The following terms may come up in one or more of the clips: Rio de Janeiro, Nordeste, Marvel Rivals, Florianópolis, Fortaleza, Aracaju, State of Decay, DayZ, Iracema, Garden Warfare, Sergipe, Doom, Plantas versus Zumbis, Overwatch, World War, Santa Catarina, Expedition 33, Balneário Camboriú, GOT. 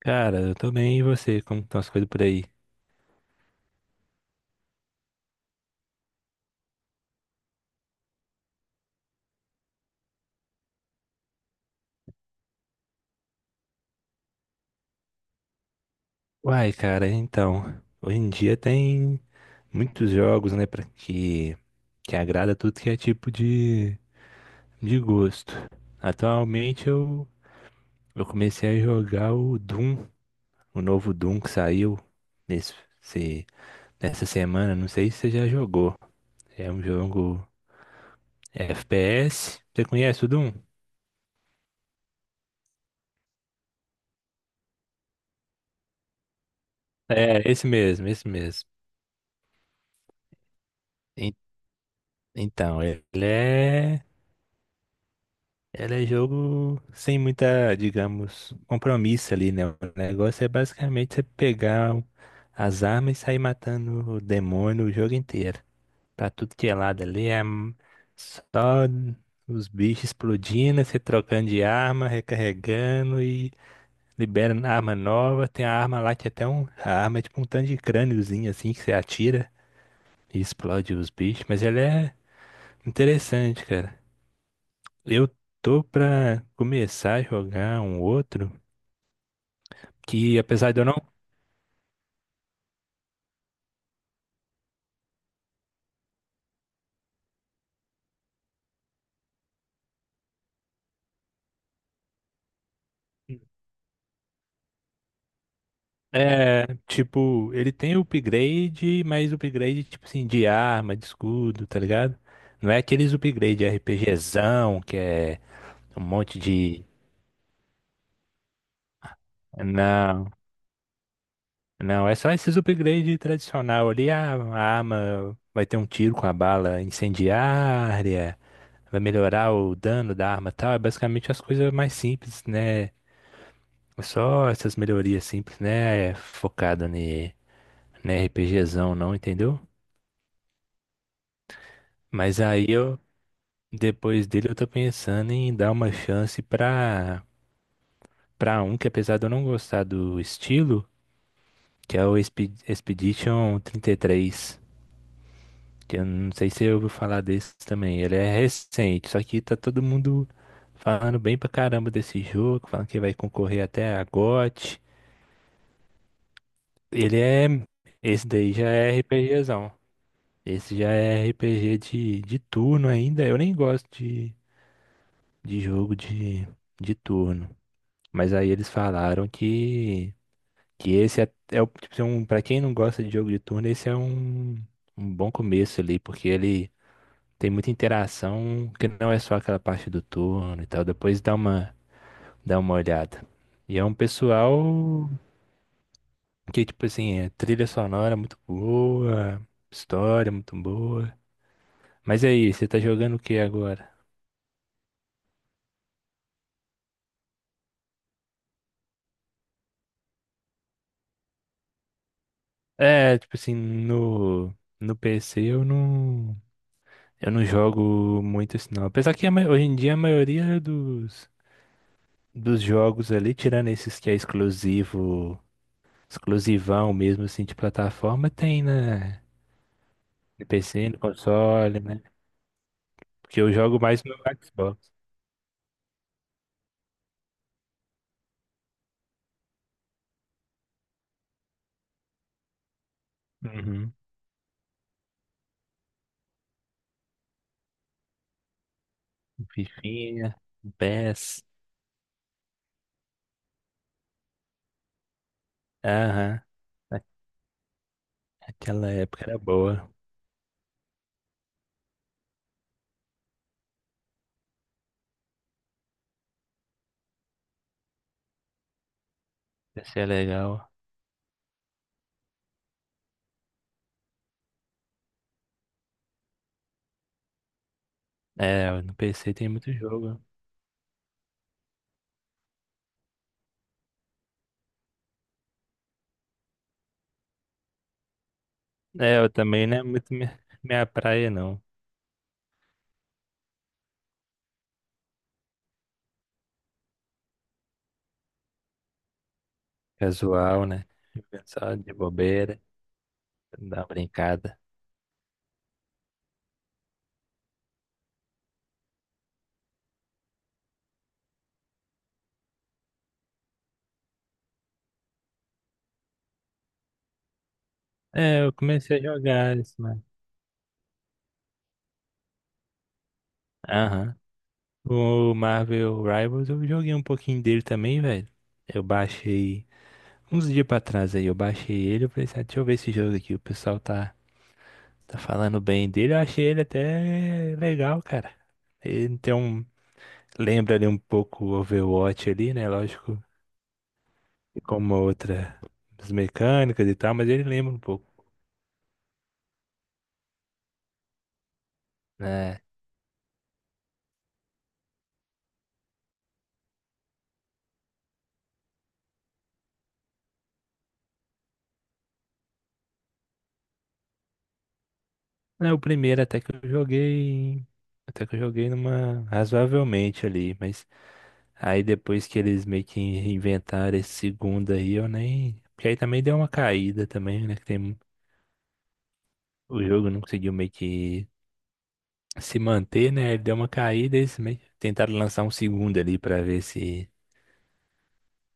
Cara, eu tô bem, e você? Como estão as coisas por aí? Uai, cara, então, hoje em dia tem muitos jogos, né, que agrada tudo que é tipo de gosto. Atualmente eu comecei a jogar o Doom, o novo Doom que saiu nesse, se- nessa semana, não sei se você já jogou. É um jogo FPS, você conhece o Doom? É, esse mesmo, esse mesmo. En- Então, ele é Ela é jogo sem muita, digamos, compromisso ali, né? O negócio é basicamente você pegar as armas e sair matando o demônio o jogo inteiro. Pra tudo que é lado ali, só os bichos explodindo, você trocando de arma, recarregando e liberando arma nova. Tem a arma lá que é até um, a arma é tipo um tanto de crâniozinho assim que você atira e explode os bichos, mas ela é interessante, cara. Eu tô pra começar a jogar um outro que, apesar de eu não. É, tipo, ele tem upgrade, mas upgrade, tipo assim, de arma, de escudo, tá ligado? Não é aqueles upgrade RPGzão, que é um monte de. Não, não, é só esses upgrade tradicional ali. A arma vai ter um tiro com a bala incendiária, vai melhorar o dano da arma e tal. É basicamente as coisas mais simples, né? É só essas melhorias simples, né? É né, RPGzão, não, entendeu? Mas depois dele, eu tô pensando em dar uma chance pra, pra um que, apesar de eu não gostar do estilo, que é o Expedition 33. Que eu não sei se você ouviu falar desse também. Ele é recente, só que tá todo mundo falando bem pra caramba desse jogo, falando que vai concorrer até a GOT. Ele é. Esse daí já é RPGzão. Esse já é RPG de turno ainda. Eu nem gosto de jogo de turno. Mas aí eles falaram que esse é, é o, tipo, assim, um, para quem não gosta de jogo de turno, esse é um, um bom começo ali, porque ele tem muita interação, que não é só aquela parte do turno e tal. Depois dá dá uma olhada. E é um pessoal que, tipo assim, é trilha sonora muito boa, história muito boa. Mas e aí, você tá jogando o que agora? É, tipo assim, no PC eu não jogo muito isso não. Apesar que hoje em dia a maioria dos jogos ali, tirando esses que é exclusivo, exclusivão mesmo assim de plataforma, tem né, no PC, no console, né? Porque eu jogo mais no Xbox. Uhum. Fifinha, PES, aham. A- Aquela época era boa, PC é legal. É, no PC tem muito jogo. É, eu também não é muito minha praia, não. Casual, né? Só de bobeira, dar uma brincada. É, eu comecei a jogar isso, mano. Aham. O Marvel Rivals, eu joguei um pouquinho dele também, velho. Eu baixei uns dias pra trás aí, eu baixei ele, eu pensei, ah, deixa eu ver esse jogo aqui, tá falando bem dele, eu achei ele até legal, cara. Ele tem um, lembra ali um pouco o Overwatch ali, né? Lógico e com uma outra as mecânicas e tal, mas ele lembra um pouco. É, é o primeiro até que eu joguei, até que eu joguei numa razoavelmente ali, mas aí depois que eles meio que inventaram esse segundo aí, eu nem, porque aí também deu uma caída também, né, que tem o jogo não conseguiu meio que se manter, né? Ele deu uma caída, eles meio que tentaram lançar um segundo ali pra ver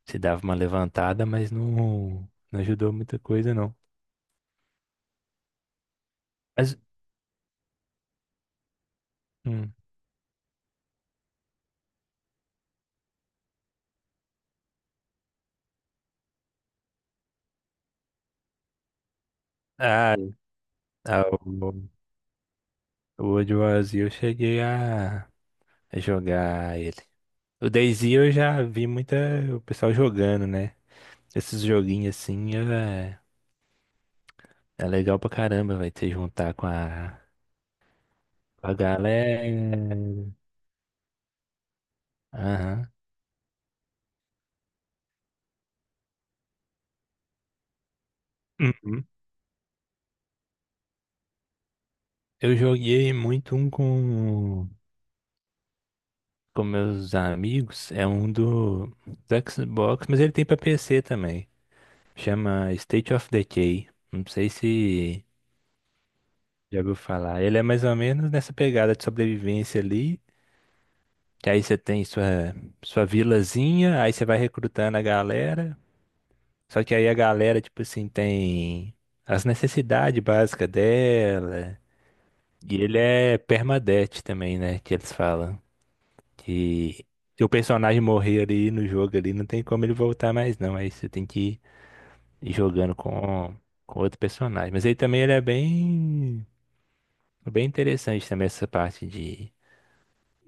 se dava uma levantada, mas não ajudou muita coisa não. Mas hum, ah, ah, o- o World War eu cheguei a jogar ele. O DayZ eu já vi muita o pessoal jogando, né? Esses joguinhos assim é, é legal pra caramba, vai ter juntar com com a galera. Aham. Uhum. Eu joguei muito um com meus amigos, é um do Xbox, mas ele tem pra PC também. Chama State of Decay. Não sei se já ouviu falar. Ele é mais ou menos nessa pegada de sobrevivência ali. Que aí você tem sua vilazinha, aí você vai recrutando a galera. Só que aí a galera, tipo assim, tem as necessidades básicas dela. E ele é permadeath também, né? Que eles falam. Que se o personagem morrer ali no jogo ali, não tem como ele voltar mais, não. Aí você tem que ir jogando com outro personagem. Mas aí também ele é bem, bem interessante também essa parte de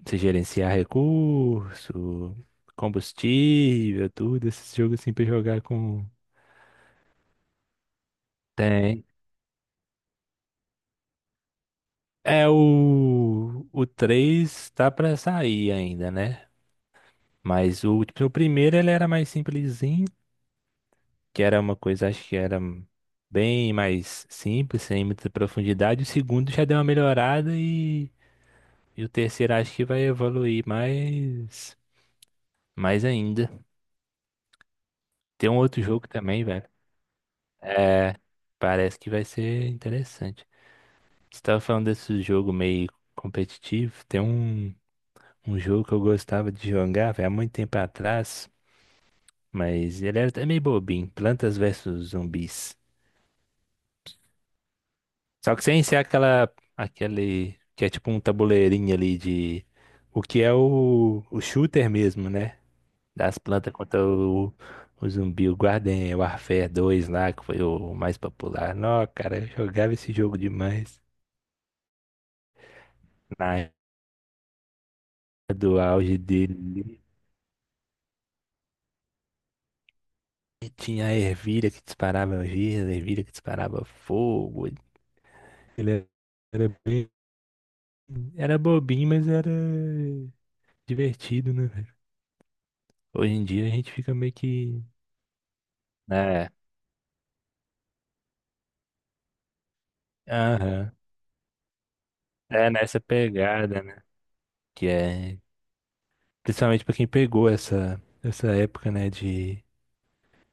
você gerenciar recurso, combustível, tudo, esses jogos assim pra jogar com. Tem. É o. O três tá pra sair ainda, né? Mas o, tipo, o primeiro ele era mais simplesinho, que era uma coisa, acho que era bem mais simples, sem muita profundidade. O segundo já deu uma melhorada e o terceiro acho que vai evoluir mais, mais ainda. Tem um outro jogo também, velho. É, parece que vai ser interessante. Você tava falando desse jogo meio competitivo. Tem um, um jogo que eu gostava de jogar, velho, há muito tempo atrás, mas ele era até meio bobinho. Plantas versus Zumbis. Só que sem ser aquela, aquele, que é tipo um tabuleirinho ali de, o que é o shooter mesmo, né? Das plantas contra o zumbi, o Garden Warfare 2 lá, que foi o mais popular. Não, cara, eu jogava esse jogo demais. Na época do auge dele. E tinha a ervilha que disparava giz, a ervilha que disparava fogo. Ele era bem... Era bobinho, mas era divertido, né, velho? Hoje em dia a gente fica meio que... É, aham. É nessa pegada, né? Que é... Principalmente pra quem pegou essa época, né,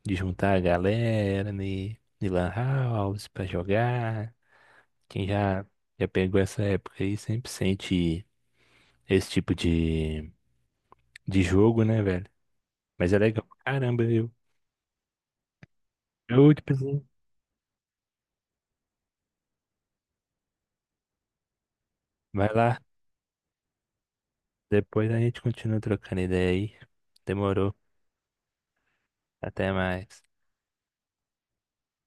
de juntar a galera, né, de lan house pra jogar. Quem já, já pegou essa época aí sempre sente esse tipo de jogo, né, velho? Mas é legal pra caramba, viu? Eu, tipo assim, vai lá. Depois a gente continua trocando ideia aí. Demorou. Até mais.